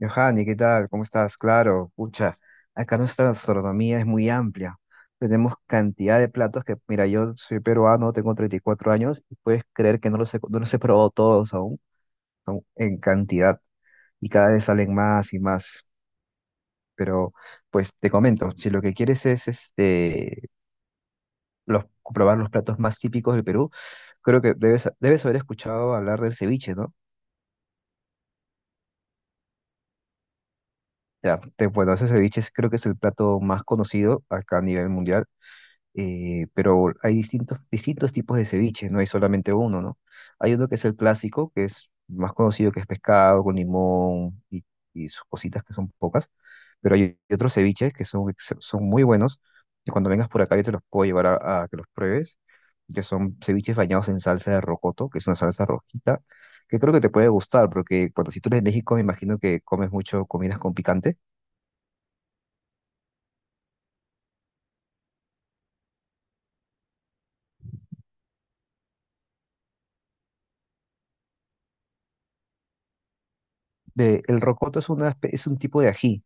Johanny, ¿qué tal? ¿Cómo estás? Claro, pucha, acá nuestra gastronomía es muy amplia. Tenemos cantidad de platos que, mira, yo soy peruano, tengo 34 años y puedes creer que no los he probado todos aún, son en cantidad y cada vez salen más y más. Pero, pues te comento, si lo que quieres es los, probar los platos más típicos del Perú, creo que debes haber escuchado hablar del ceviche, ¿no? Ya, bueno, ese ceviche creo que es el plato más conocido acá a nivel mundial, pero hay distintos tipos de ceviche, no hay solamente uno, ¿no? Hay uno que es el clásico, que es más conocido, que es pescado con limón y sus cositas que son pocas, pero hay otros ceviches que son muy buenos, y cuando vengas por acá yo te los puedo llevar a que los pruebes, que son ceviches bañados en salsa de rocoto, que es una salsa rojita, que creo que te puede gustar, porque cuando si tú eres de México me imagino que comes mucho comidas con picante. El rocoto es un tipo de ají,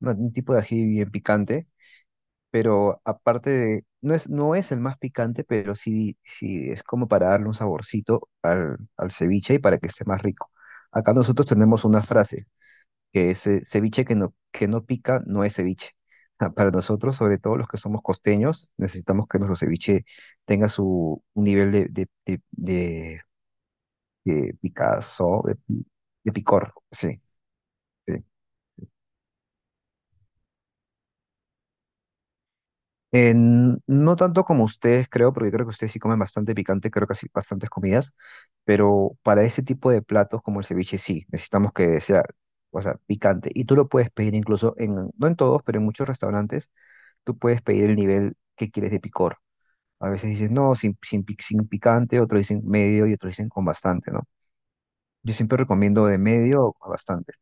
un tipo de ají bien picante, pero aparte de, no es, no es el más picante, pero sí, sí es como para darle un saborcito al ceviche y para que esté más rico. Acá nosotros tenemos una frase que es ceviche que no pica no es ceviche. Ah, para nosotros, sobre todo los que somos costeños, necesitamos que nuestro ceviche tenga su un nivel de, de, de picazón, de picor, sí. No tanto como ustedes, creo, porque creo que ustedes sí comen bastante picante, creo que sí, bastantes comidas, pero para ese tipo de platos como el ceviche sí, necesitamos que o sea, picante. Y tú lo puedes pedir incluso en, no en todos, pero en muchos restaurantes, tú puedes pedir el nivel que quieres de picor. A veces dicen, no, sin picante, otros dicen medio y otros dicen con bastante, ¿no? Yo siempre recomiendo de medio a bastante.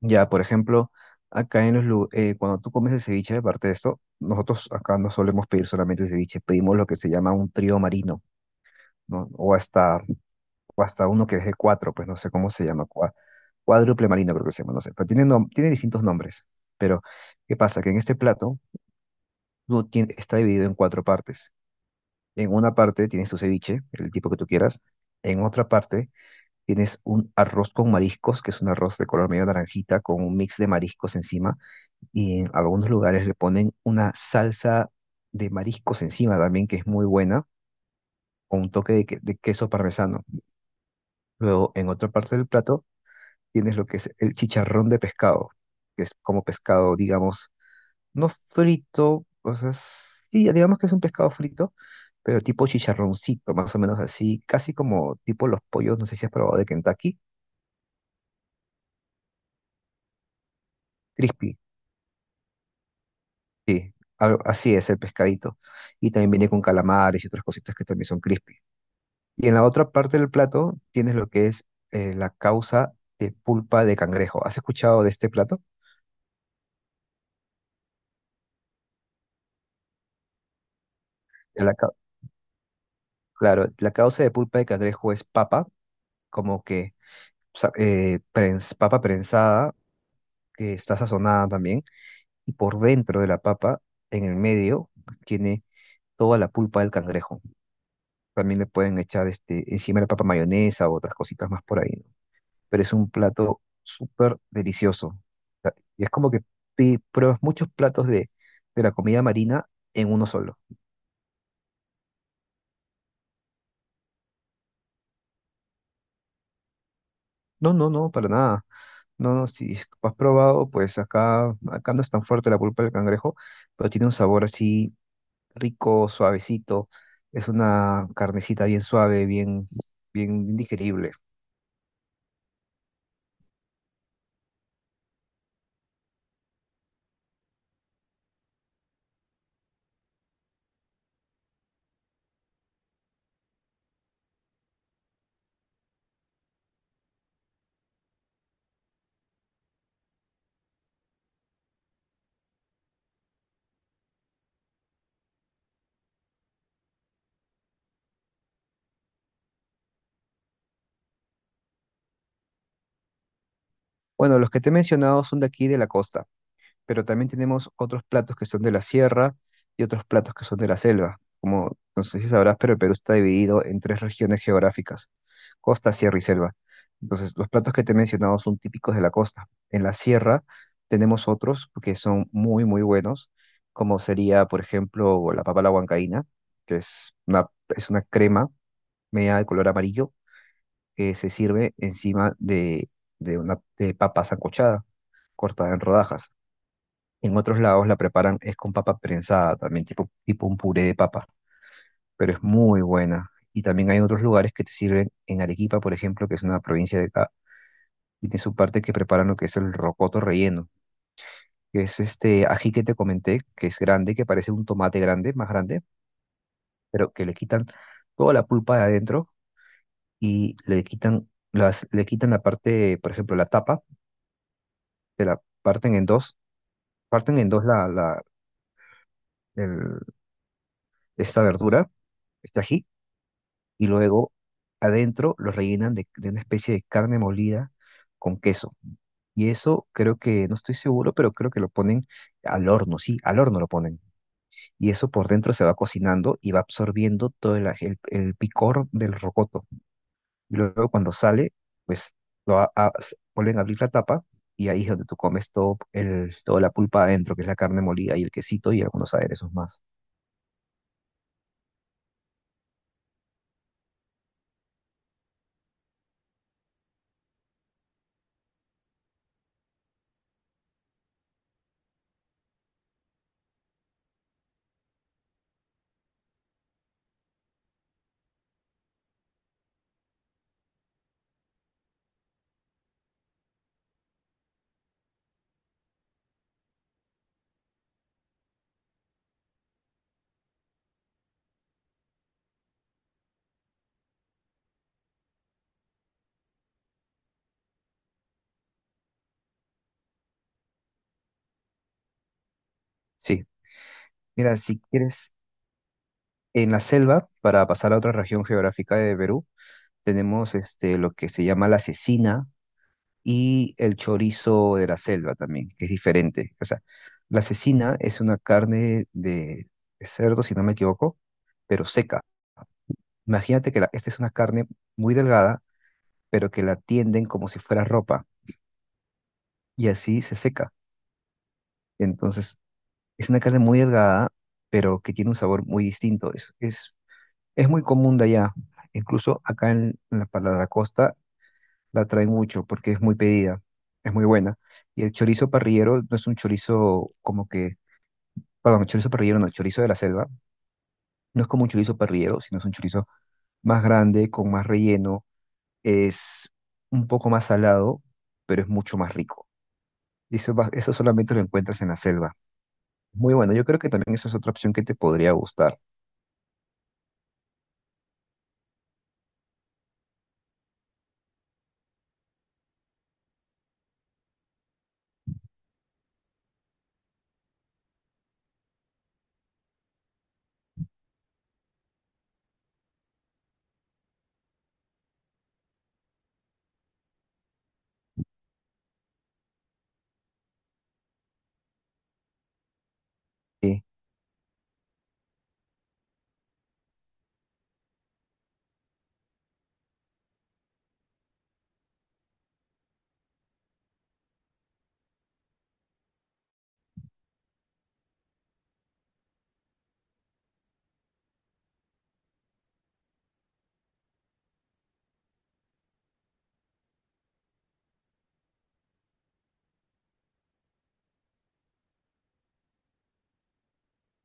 Ya, por ejemplo, acá en cuando tú comes el ceviche, aparte de esto, nosotros acá no solemos pedir solamente ceviche, pedimos lo que se llama un trío marino, ¿no? O hasta uno que es de cuatro, pues no sé cómo se llama, cuádruple marino creo que se llama, no sé, pero tiene distintos nombres. Pero, ¿qué pasa? Que en este plato está dividido en cuatro partes. En una parte tienes tu ceviche, el tipo que tú quieras, en otra parte tienes un arroz con mariscos, que es un arroz de color medio naranjita, con un mix de mariscos encima y en algunos lugares le ponen una salsa de mariscos encima también, que es muy buena, o un toque de queso parmesano. Luego, en otra parte del plato, tienes lo que es el chicharrón de pescado, que es como pescado, digamos, no frito, o sea, sí, digamos que es un pescado frito, pero tipo chicharroncito, más o menos así, casi como tipo los pollos, no sé si has probado de Kentucky, crispy, sí, así es el pescadito. Y también viene con calamares y otras cositas que también son crispy. Y en la otra parte del plato tienes lo que es la causa de pulpa de cangrejo. ¿Has escuchado de este plato? la cau- claro, la causa de pulpa de cangrejo es papa, como que papa prensada, que está sazonada también, y por dentro de la papa, en el medio, tiene toda la pulpa del cangrejo. También le pueden echar este, encima de la papa mayonesa o otras cositas más por ahí, pero es un plato súper delicioso. O sea, y es como que pruebas muchos platos de la comida marina en uno solo. No, no, no, para nada. No, no, si has probado, pues acá no es tan fuerte la pulpa del cangrejo, pero tiene un sabor así rico, suavecito. Es una carnecita bien suave, bien digerible. Bueno, los que te he mencionado son de aquí de la costa, pero también tenemos otros platos que son de la sierra y otros platos que son de la selva. Como no sé si sabrás, pero Perú está dividido en tres regiones geográficas, costa, sierra y selva. Entonces, los platos que te he mencionado son típicos de la costa. En la sierra tenemos otros que son muy, muy buenos, como sería, por ejemplo, la papa a la huancaína, que es es una crema media de color amarillo que se sirve encima de una de papa sancochada cortada en rodajas. En otros lados la preparan es con papa prensada también, tipo un puré de papa, pero es muy buena. Y también hay otros lugares que te sirven en Arequipa, por ejemplo, que es una provincia de acá, y tiene su parte que preparan lo que es el rocoto relleno, que es este ají que te comenté, que es grande, que parece un tomate grande, más grande, pero que le quitan toda la pulpa de adentro y le quitan le quitan la parte, por ejemplo, la tapa, te la parten en dos el- esta verdura, este ají, y luego adentro lo rellenan de una especie de carne molida con queso. Y eso creo que, no estoy seguro, pero creo que lo ponen al horno, sí, al horno lo ponen. Y eso por dentro se va cocinando y va absorbiendo todo el picor del rocoto. Y luego cuando sale, pues lo a- s- vuelven a abrir la tapa y ahí es donde tú comes toda la pulpa adentro, que es la carne molida y el quesito y algunos aderezos más. Sí, mira, si quieres, en la selva, para pasar a otra región geográfica de Perú, tenemos este, lo que se llama la cecina y el chorizo de la selva también, que es diferente. O sea, la cecina es una carne de cerdo, si no me equivoco, pero seca. Imagínate que esta es una carne muy delgada, pero que la tienden como si fuera ropa y así se seca. Entonces, es una carne muy delgada, pero que tiene un sabor muy distinto. Es muy común de allá. Incluso acá en la, para la costa la traen mucho porque es muy pedida, es muy buena. Y el chorizo parrillero no es un chorizo como que, perdón, el chorizo parrillero no, el chorizo de la selva, no es como un chorizo parrillero, sino es un chorizo más grande, con más relleno, es un poco más salado, pero es mucho más rico. Y eso solamente lo encuentras en la selva. Muy bueno, yo creo que también esa es otra opción que te podría gustar. Sí.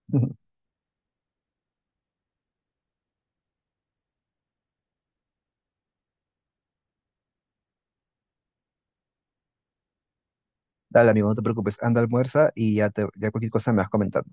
Dale, amigo, no te preocupes, anda, almuerza y ya, ya cualquier cosa me vas comentando.